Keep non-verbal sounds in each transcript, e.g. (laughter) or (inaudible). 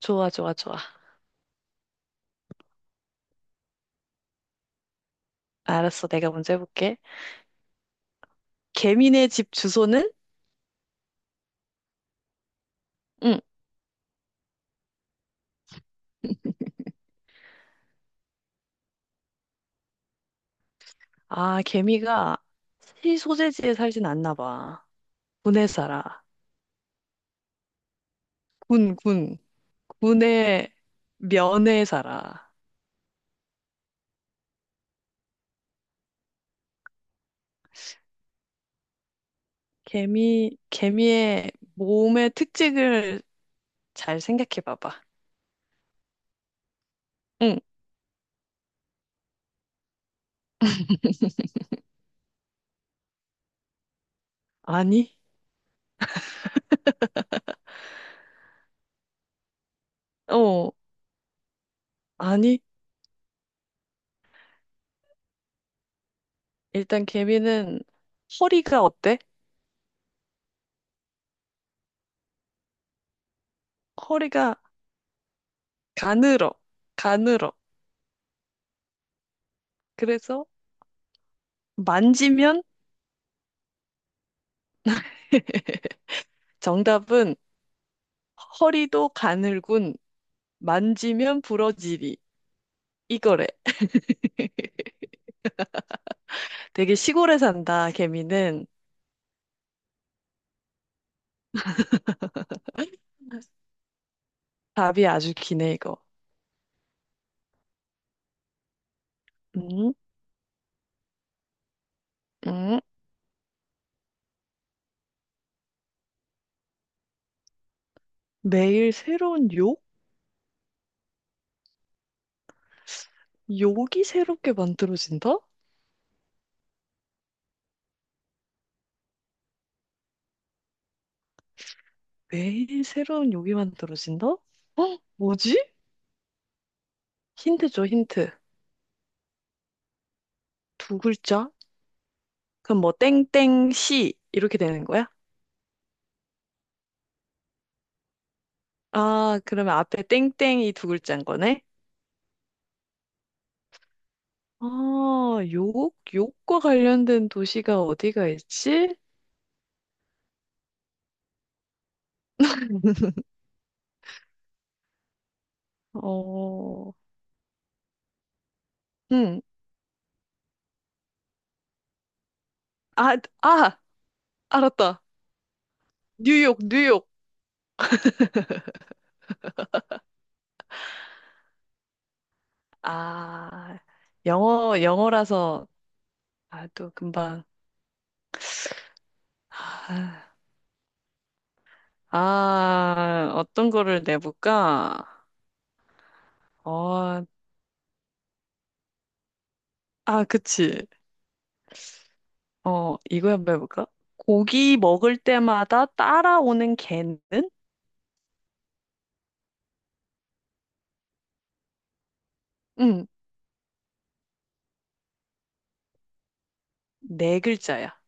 좋아, 좋아, 좋아. 알았어. 내가 먼저 해볼게. 개미네 집 주소는? 응. 아, 개미가 시 소재지에 살진 않나 봐. 군에 살아. 군. 군의 면에 살아. 개미의 몸의 특징을 잘 생각해 봐봐. 응. 아니? 어, 아니. 일단 개미는 허리가 어때? 허리가 가늘어. 가늘어. 그래서 만지면 (laughs) 정답은 허리도 가늘군 만지면 부러지리 이거래. 되게 시골에 산다 개미는 답이 아주 기네 이거. 음, 음. 매일 새로운 욕? 욕이 새롭게 만들어진다? 매일 새로운 욕이 만들어진다? 어? 뭐지? 힌트 줘 힌트. 두 글자? 그럼 뭐 땡땡 시 이렇게 되는 거야? 아 그러면 앞에 땡땡이 두 글자인 거네? 아, 욕? 욕과 관련된 도시가 어디가 있지? (laughs) 어, 응. 아, 아, 알았다. 뉴욕, 뉴욕. 아, 영어라서, 아, 또 금방. 아, 아, 어떤 거를 내볼까? 어, 아, 그치. 어, 이거 한번 해볼까? 고기 먹을 때마다 따라오는 개는? 응, 네 글자야.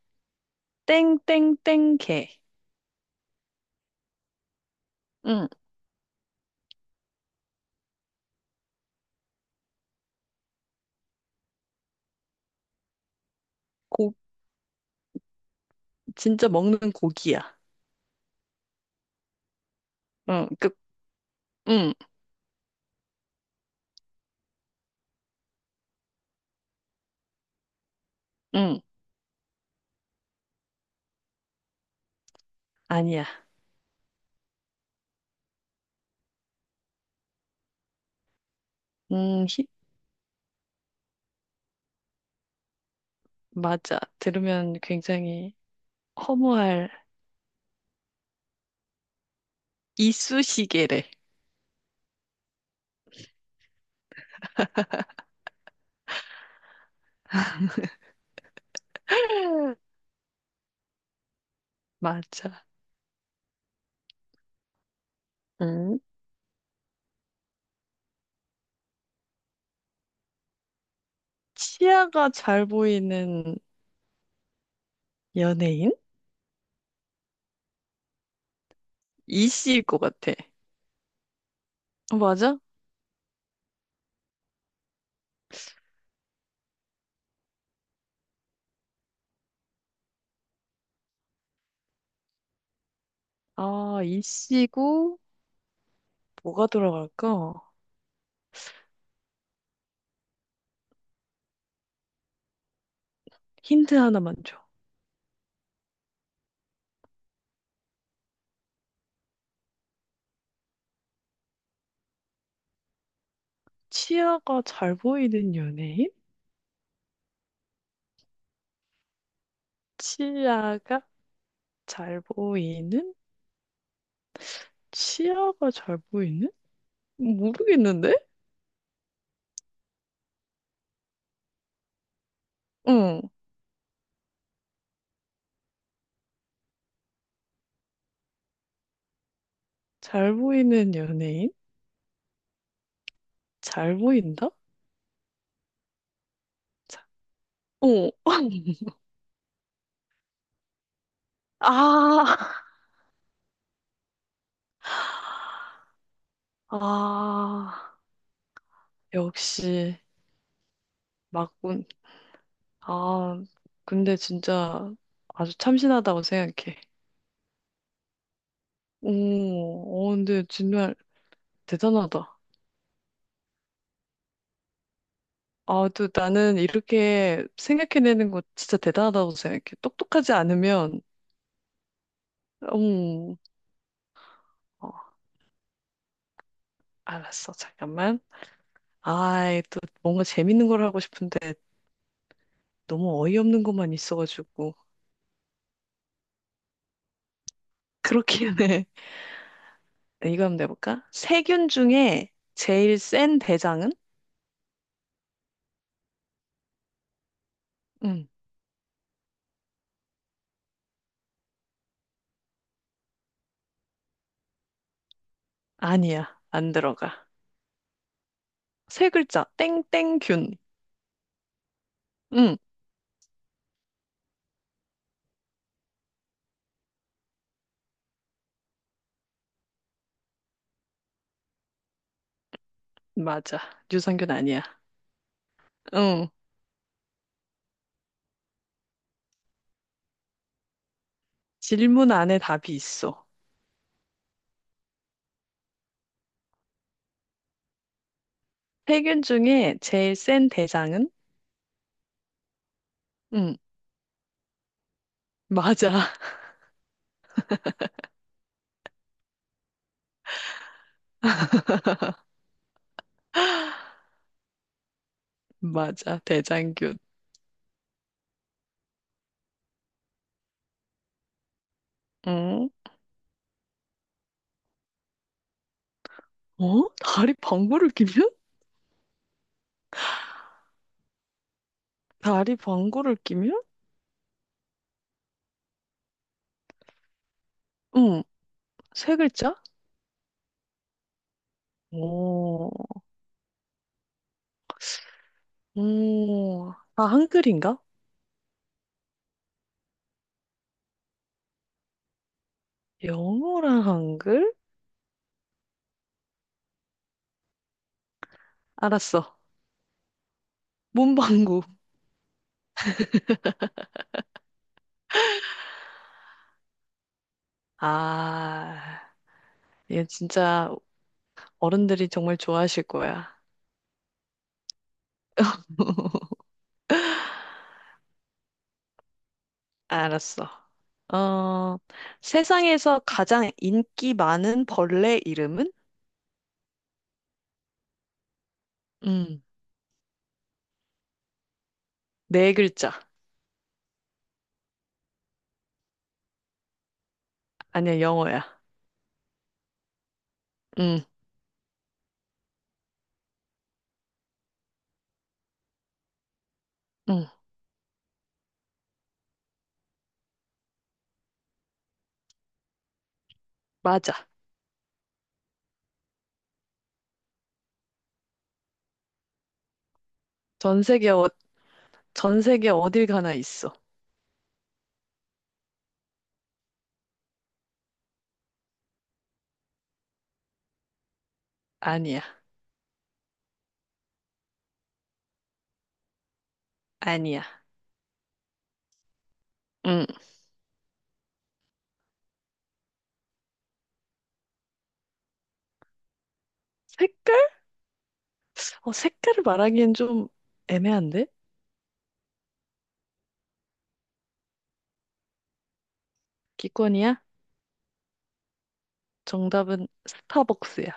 땡땡땡 개. 응, 고, 진짜 먹는 고기야. 응, 그, 응, 응, 아니야. 음, 히- 맞아. 들으면 굉장히 허무할 이쑤시개래. (laughs) 맞아. 음. 치아가 잘 보이는 연예인? 이씨일 것 같아. 어, 맞아? 아, 이씨고, 뭐가 들어갈까? 힌트 하나만 줘. 치아가 잘 보이는 연예인? 치아가 잘 보이는? 치아가 잘 보이는? 모르겠는데? 응. 잘 보이는 연예인? 잘 보인다? 자, 어. 아, (laughs) 아, 역시, 맞군. 아, 근데 진짜 아주 참신하다고 생각해. 오, 어, 근데 정말 대단하다. 아, 또 나는 이렇게 생각해내는 거 진짜 대단하다고 생각해. 똑똑하지 않으면, 음, 어, 알았어. 잠깐만. 아이, 또 뭔가 재밌는 걸 하고 싶은데 너무 어이없는 것만 있어가지고. 그렇긴 해. (laughs) 이거 한번 내볼까? 세균 중에 제일 센 대장은? 응, 아니야. 안 들어가. 세 글자, 땡땡균. 응, 맞아. 유산균 아니야. 응, 질문 안에 답이 있어. 세균 중에 제일 센 대장은? 응, 맞아. (laughs) 맞아. 대장균. 응, 어? 다리 방구를 끼면? 다리 방구를 끼면? 응, 세 글자? 오, 오, 아, 한글인가? 영어랑 한글? 알았어. 몸방구. 아, 이거 진짜 어른들이 정말 좋아하실 거야. (laughs) 알았어. 어, 세상에서 가장 인기 많은 벌레 이름은? 음, 네 글자. 아니야, 영어야. 음, 음, 맞아. 전 세계, 어, 전 세계 어딜 가나 있어. 아니야, 아니야. 음, 색깔? 어, 색깔을 말하기엔 좀 애매한데? 기권이야? 정답은 스타벅스야.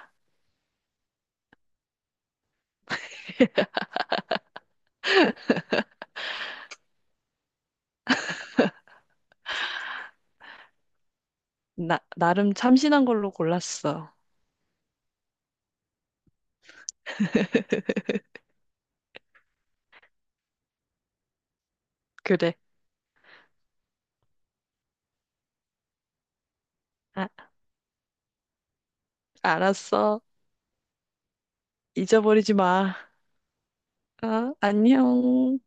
나름 참신한 걸로 골랐어. 그래. 아, 알았어. 잊어버리지 마. 아, 안녕.